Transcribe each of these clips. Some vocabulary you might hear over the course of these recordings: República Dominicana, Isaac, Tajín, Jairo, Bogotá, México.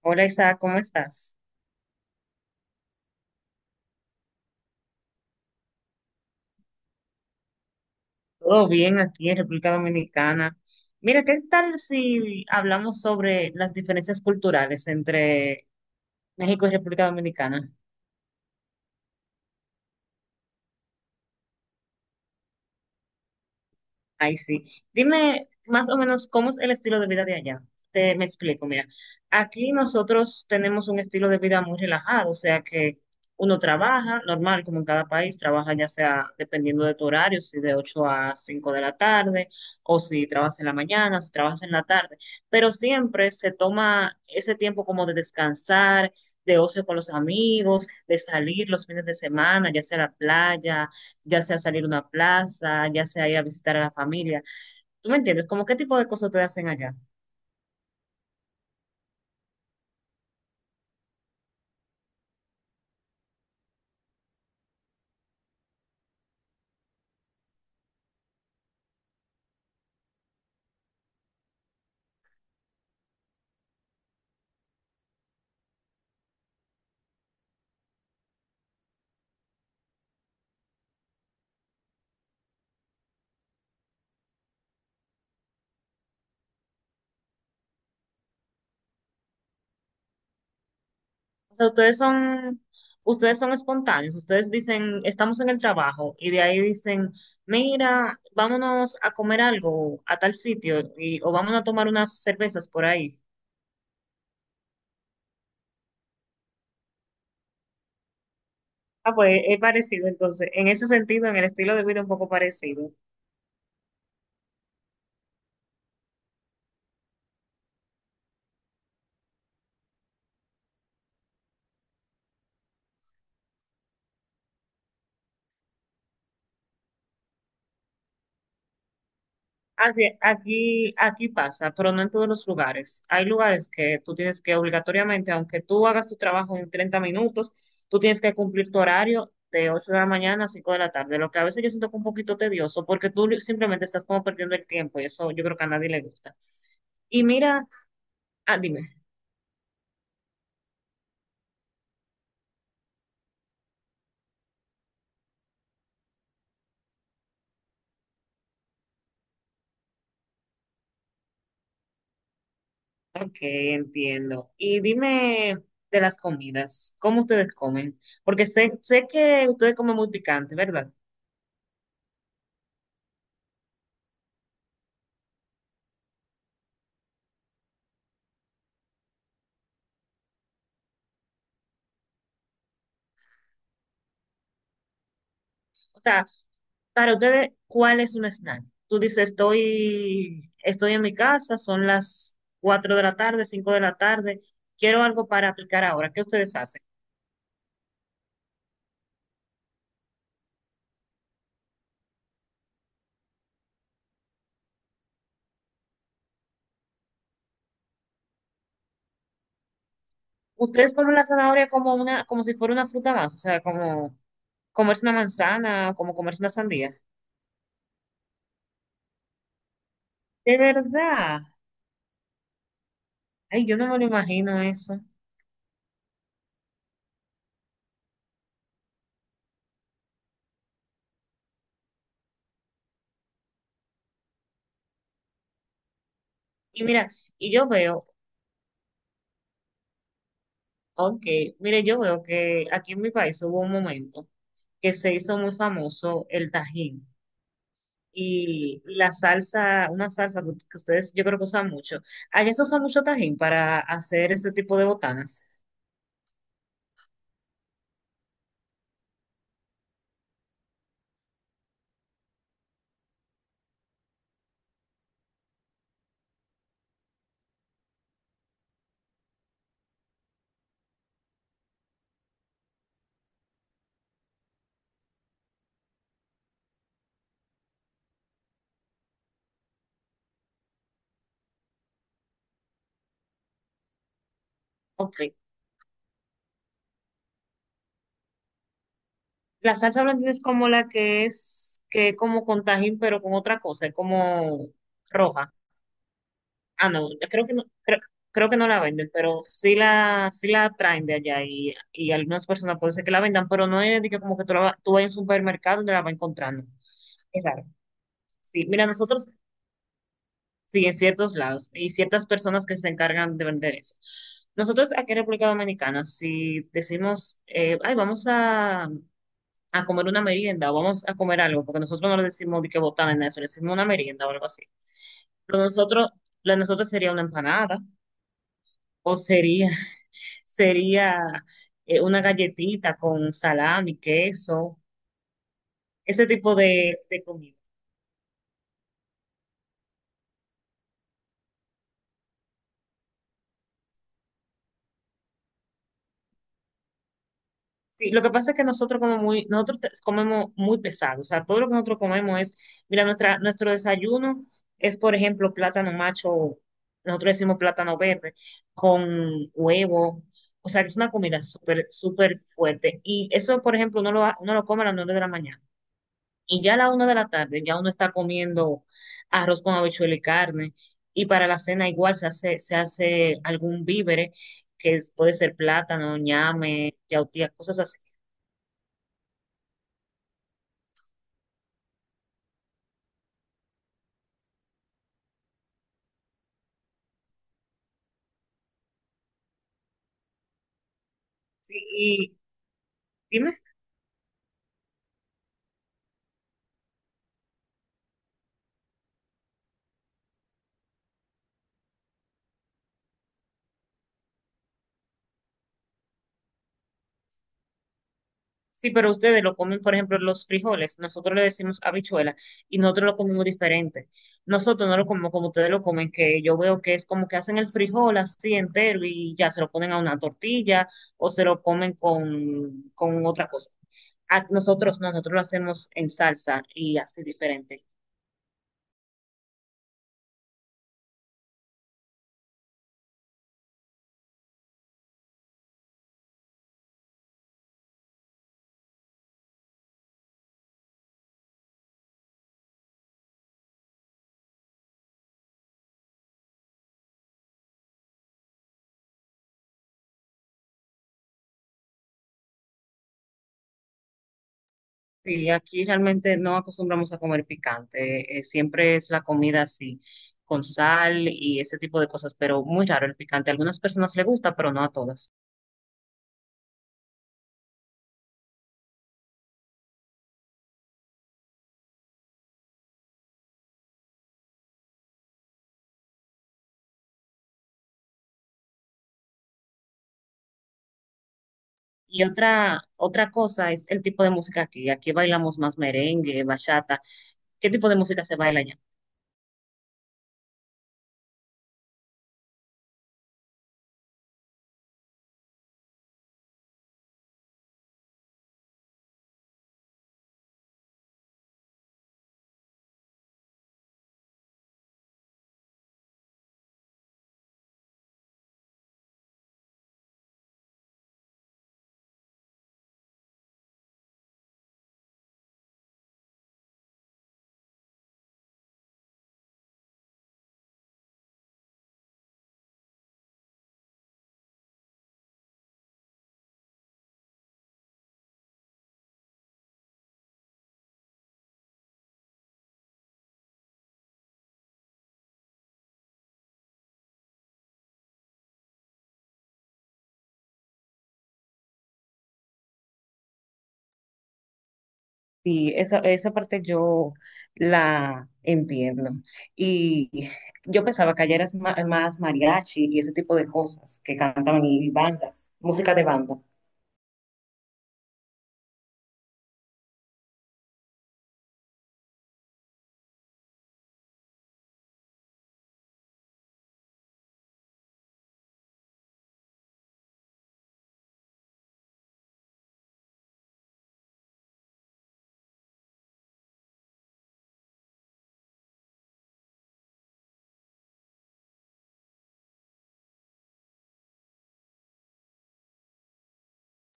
Hola Isaac, ¿cómo estás? Todo bien aquí en República Dominicana. Mira, ¿qué tal si hablamos sobre las diferencias culturales entre México y República Dominicana? Ay, sí. Dime más o menos cómo es el estilo de vida de allá. Te me explico, mira. Aquí nosotros tenemos un estilo de vida muy relajado, o sea que uno trabaja normal, como en cada país, trabaja ya sea dependiendo de tu horario, si de 8 a 5 de la tarde, o si trabajas en la mañana, o si trabajas en la tarde, pero siempre se toma ese tiempo como de descansar, de ocio con los amigos, de salir los fines de semana, ya sea a la playa, ya sea salir a una plaza, ya sea ir a visitar a la familia. ¿Tú me entiendes? ¿Cómo qué tipo de cosas te hacen allá? O sea, ustedes son espontáneos, ustedes dicen, estamos en el trabajo y de ahí dicen, mira, vámonos a comer algo a tal sitio y, o vámonos a tomar unas cervezas por ahí. Ah, pues es parecido entonces, en ese sentido, en el estilo de vida un poco parecido. Aquí pasa, pero no en todos los lugares. Hay lugares que tú tienes que obligatoriamente, aunque tú hagas tu trabajo en 30 minutos, tú tienes que cumplir tu horario de 8 de la mañana a 5 de la tarde, lo que a veces yo siento que es un poquito tedioso porque simplemente estás como perdiendo el tiempo y eso yo creo que a nadie le gusta. Y mira, ah, dime, ok, entiendo. Y dime de las comidas, ¿cómo ustedes comen? Porque sé que ustedes comen muy picante, ¿verdad? Para ustedes, ¿cuál es un snack? Tú dices, estoy en mi casa, son las 4 de la tarde, 5 de la tarde, quiero algo para aplicar ahora. ¿Qué ustedes hacen? ¿Ustedes comen la zanahoria como una, como si fuera una fruta más? O sea, como comerse una manzana, como comerse una sandía. De verdad. Ay, yo no me lo imagino eso. Y mira, y yo veo, ok, mire, yo veo que aquí en mi país hubo un momento que se hizo muy famoso el Tajín. Y la salsa, una salsa que ustedes yo creo que usan mucho. Allá se usa mucho tajín para hacer ese tipo de botanas. Ok. La salsa blandina es como la que es como con tajín, pero con otra cosa, es como roja. Ah, no, yo creo que no, creo que no la venden, pero sí la traen de allá y algunas personas puede ser que la vendan, pero no es de que como que tú vas a un supermercado donde la vas encontrando. Es raro. Sí, mira, nosotros sí, en ciertos lados. Y ciertas personas que se encargan de vender eso. Nosotros aquí en República Dominicana, si decimos, ay, a comer una merienda o vamos a comer algo, porque nosotros no le decimos de que botana en eso, le decimos una merienda o algo así. Pero nosotros, lo de nosotros sería una empanada o sería, sería una galletita con salami, queso, ese tipo de comida. Sí, lo que pasa es que nosotros como muy, comemos muy pesado, o sea, todo lo que nosotros comemos es, mira, nuestra, nuestro desayuno es, por ejemplo, plátano macho, nosotros decimos plátano verde, con huevo, o sea, que es una comida súper, súper fuerte. Y eso, por ejemplo, uno lo come a las 9 de la mañana. Y ya a la 1 de la tarde, ya uno está comiendo arroz con habichuela y carne. Y para la cena igual se hace algún vívere, puede ser plátano, ñame, yautía, cosas así. Sí, y dime, sí, pero ustedes lo comen, por ejemplo, los frijoles, nosotros le decimos habichuela y nosotros lo comemos diferente. Nosotros no lo comemos como ustedes lo comen, que yo veo que es como que hacen el frijol así entero y ya se lo ponen a una tortilla o se lo comen con otra cosa. A nosotros no, nosotros lo hacemos en salsa y así diferente. Sí, aquí realmente no acostumbramos a comer picante, siempre es la comida así, con sal y ese tipo de cosas, pero muy raro el picante. A algunas personas le gusta, pero no a todas. Y otra cosa es el tipo de música aquí. Aquí bailamos más merengue, bachata. ¿Qué tipo de música se baila allá? Sí, esa parte yo la entiendo. Y yo pensaba que allá eras más mariachi y ese tipo de cosas que cantaban y bandas, música de banda.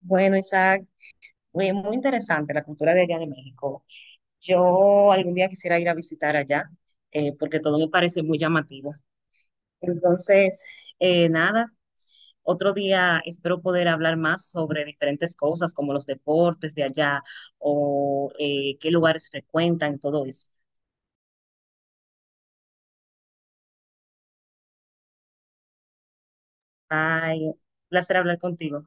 Bueno, Isaac. Oye, muy interesante la cultura de allá de México. Yo algún día quisiera ir a visitar allá, porque todo me parece muy llamativo. Entonces, nada, otro día espero poder hablar más sobre diferentes cosas como los deportes de allá o qué lugares frecuentan, todo eso. Ay, un placer hablar contigo.